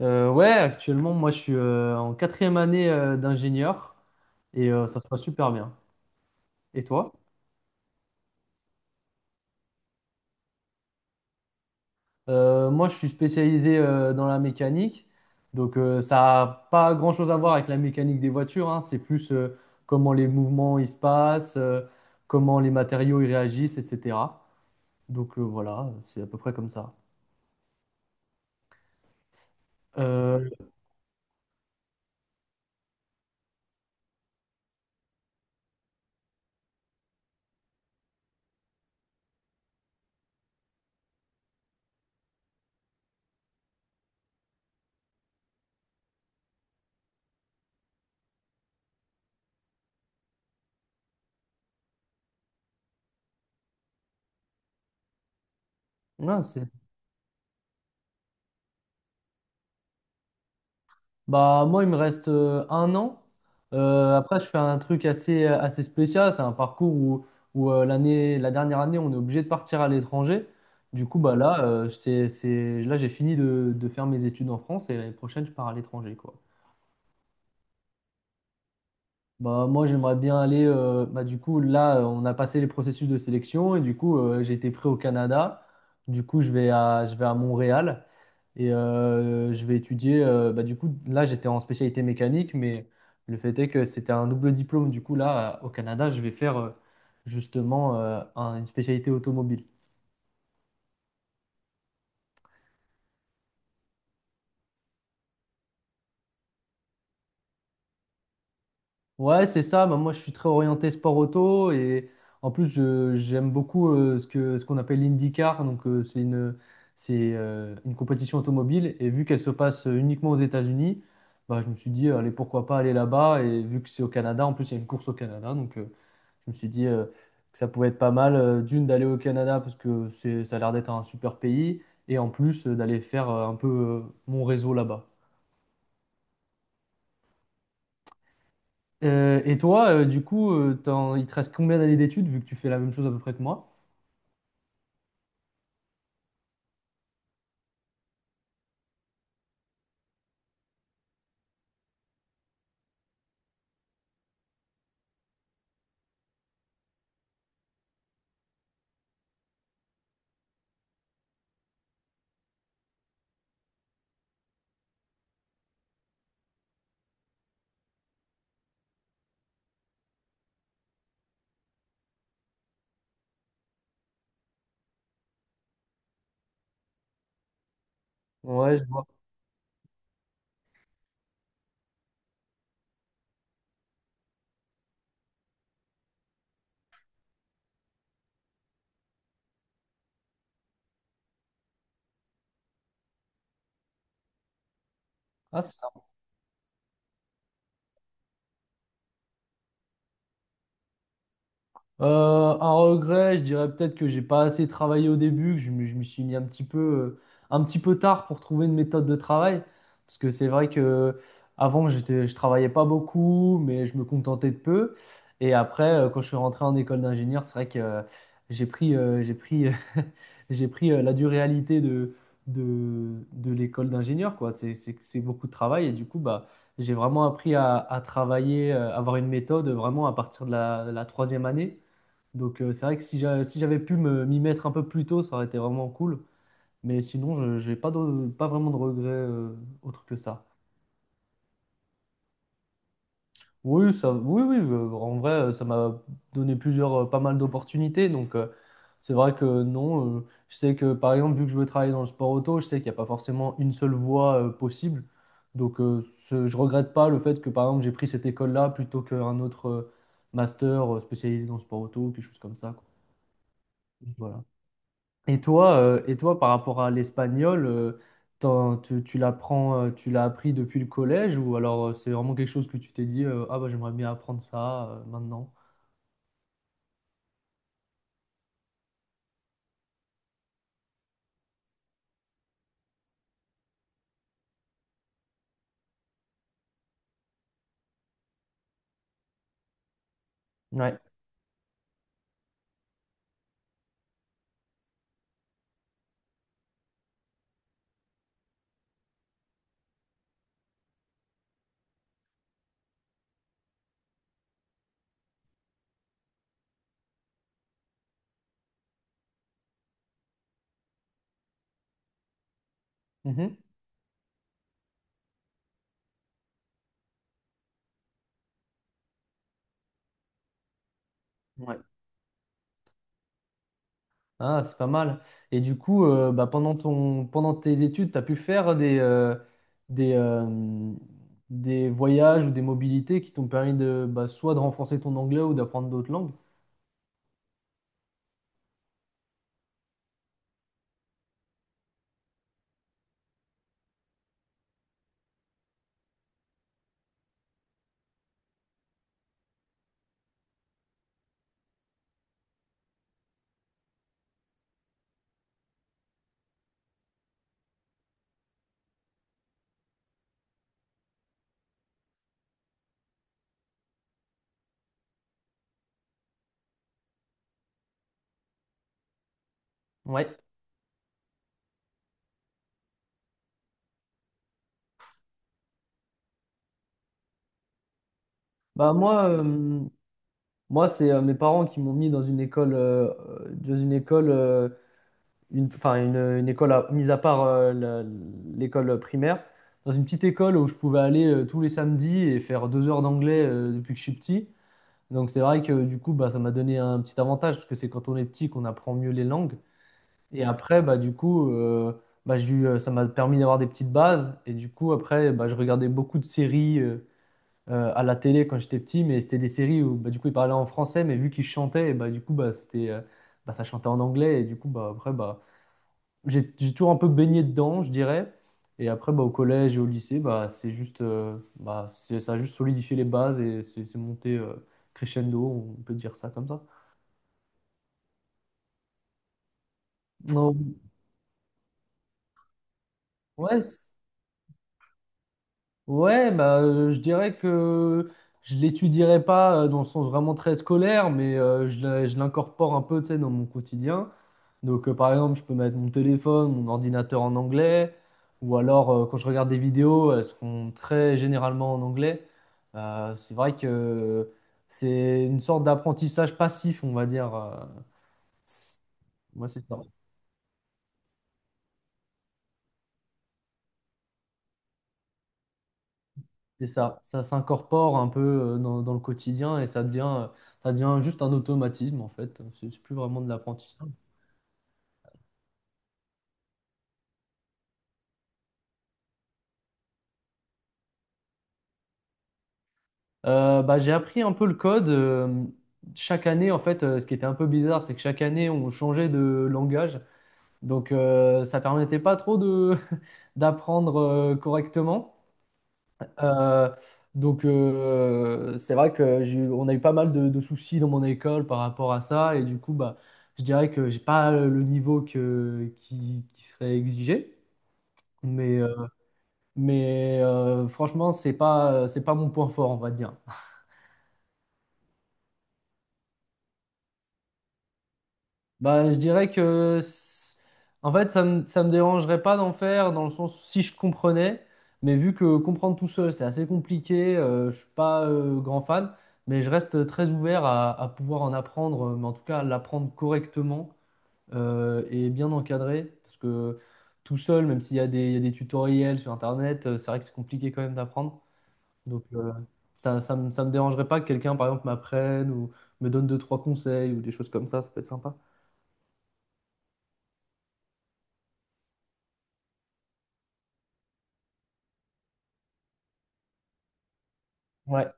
Ouais, actuellement, moi, je suis en quatrième année d'ingénieur et ça se passe super bien. Et toi? Moi, je suis spécialisé dans la mécanique, donc ça n'a pas grand-chose à voir avec la mécanique des voitures, hein. C'est plus comment les mouvements ils se passent, comment les matériaux ils réagissent, etc. Donc voilà, c'est à peu près comme ça. Euh, non, c'est- Bah, moi, il me reste un an. Après, je fais un truc assez spécial. C'est un parcours où l'année, la dernière année, on est obligé de partir à l'étranger. Du coup, bah, là, là j'ai fini de faire mes études en France et l'année prochaine, je pars à l'étranger, quoi. Bah, moi, j'aimerais bien aller. Bah, du coup, là, on a passé les processus de sélection et du coup, j'ai été pris au Canada. Du coup, je vais à Montréal et je vais étudier. Bah, du coup, là, j'étais en spécialité mécanique, mais le fait est que c'était un double diplôme. Du coup, là, au Canada, je vais faire justement une spécialité automobile. Ouais, c'est ça. Bah, moi, je suis très orienté sport auto et en plus, j'aime beaucoup ce ce qu'on appelle l'IndyCar. Donc, une compétition automobile et vu qu'elle se passe uniquement aux États-Unis, bah, je me suis dit, allez, pourquoi pas aller là-bas et vu que c'est au Canada, en plus, il y a une course au Canada. Donc, je me suis dit que ça pouvait être pas mal d'aller au Canada parce que ça a l'air d'être un super pays et en plus d'aller faire un peu mon réseau là-bas. Et toi, il te reste combien d'années d'études vu que tu fais la même chose à peu près que moi? Ouais, je vois. Ah. Un regret, je dirais peut-être que j'ai pas assez travaillé au début, je me suis mis un petit peu tard pour trouver une méthode de travail. Parce que c'est vrai que avant, je travaillais pas beaucoup, mais je me contentais de peu. Et après, quand je suis rentré en école d'ingénieur, c'est vrai que j'ai pris, euh, j'ai pris, j'ai pris la dure réalité de l'école d'ingénieur, quoi. C'est beaucoup de travail et du coup, bah, j'ai vraiment appris à travailler, avoir une méthode vraiment à partir de la troisième année. Donc c'est vrai que si j'avais pu m'y mettre un peu plus tôt, ça aurait été vraiment cool. Mais sinon, je j'ai pas vraiment de regrets autres que ça. Oui, ça, oui, oui, en vrai, ça m'a donné pas mal d'opportunités. Donc c'est vrai que non, je sais que par exemple, vu que je veux travailler dans le sport auto, je sais qu'il n'y a pas forcément une seule voie possible. Donc je regrette pas le fait que par exemple, j'ai pris cette école-là plutôt qu'un autre master spécialisé dans le sport auto, quelque chose comme ça, quoi. Voilà. Et toi, par rapport à l'espagnol, tu, tu l'apprends, tu l'as appris depuis le collège ou alors c'est vraiment quelque chose que tu t'es dit, ah bah j'aimerais bien apprendre ça maintenant. Ouais. Mhm. Ouais. Ah, c'est pas mal. Et du coup, pendant ton, pendant tes études, tu as pu faire des, euh, des voyages ou des mobilités qui t'ont permis de, bah, soit de renforcer ton anglais ou d'apprendre d'autres langues. Ouais. Bah moi, euh, Moi, c'est mes parents qui m'ont mis dans une école, une, enfin une école à, mis à part l'école primaire, dans une petite école où je pouvais aller tous les samedis et faire deux heures d'anglais depuis que je suis petit. Donc c'est vrai que du coup, bah, ça m'a donné un petit avantage parce que c'est quand on est petit qu'on apprend mieux les langues. Et après, bah du coup, ça m'a permis d'avoir des petites bases. Et du coup, après, bah, je regardais beaucoup de séries. À la télé quand j'étais petit, mais c'était des séries où bah, du coup ils parlaient en français, mais vu qu'ils chantaient, et bah, du coup bah, ça chantait en anglais, et du coup bah, après bah, j'ai toujours un peu baigné dedans, je dirais. Et après bah, au collège et au lycée, bah, c'est juste, ça a juste solidifié les bases et c'est monté crescendo, on peut dire ça comme ça. Non, ouais. Ouais, bah, je dirais que je l'étudierai pas dans le sens vraiment très scolaire, mais je l'incorpore un peu, tu sais, dans mon quotidien. Donc, par exemple, je peux mettre mon téléphone, mon ordinateur en anglais, ou alors quand je regarde des vidéos, elles se font très généralement en anglais. C'est vrai que c'est une sorte d'apprentissage passif, on va dire. Moi, c'est ça. C'est ça, ça s'incorpore un peu dans le quotidien et ça devient juste un automatisme en fait. C'est plus vraiment de l'apprentissage. J'ai appris un peu le code. Chaque année, en fait, ce qui était un peu bizarre, c'est que chaque année, on changeait de langage. Donc, ça permettait pas trop de d'apprendre correctement. Euh, donc, c'est vrai que on a eu pas mal de soucis dans mon école par rapport à ça. Et du coup, bah, je dirais que j'ai pas le niveau que qui serait exigé. Mais, euh, mais franchement, c'est pas mon point fort, on va dire. Bah, je dirais que en fait, ça me dérangerait pas d'en faire, dans le sens où si je comprenais, mais vu que comprendre tout seul, c'est assez compliqué, je suis pas grand fan, mais je reste très ouvert à pouvoir en apprendre, mais en tout cas, à l'apprendre correctement et bien encadré, parce que tout seul, même s'il y a il y a des tutoriels sur Internet, c'est vrai que c'est compliqué quand même d'apprendre. Donc, ça me dérangerait pas que quelqu'un, par exemple, m'apprenne ou me donne deux, trois conseils ou des choses comme ça peut être sympa. Ouais.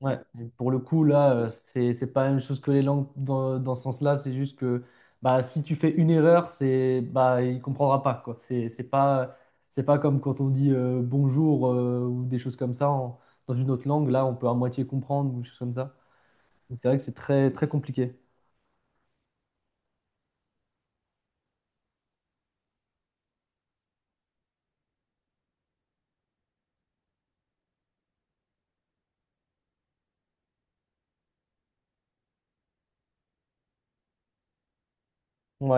Ouais, et pour le coup, là, c'est pas la même chose que les langues dans ce sens-là. C'est juste que bah, si tu fais une erreur, c'est bah, il comprendra pas, quoi. C'est pas comme quand on dit bonjour ou des choses comme ça en- dans une autre langue. Là, on peut à moitié comprendre ou des choses comme ça. Donc, c'est vrai que c'est très, très compliqué. Ouais.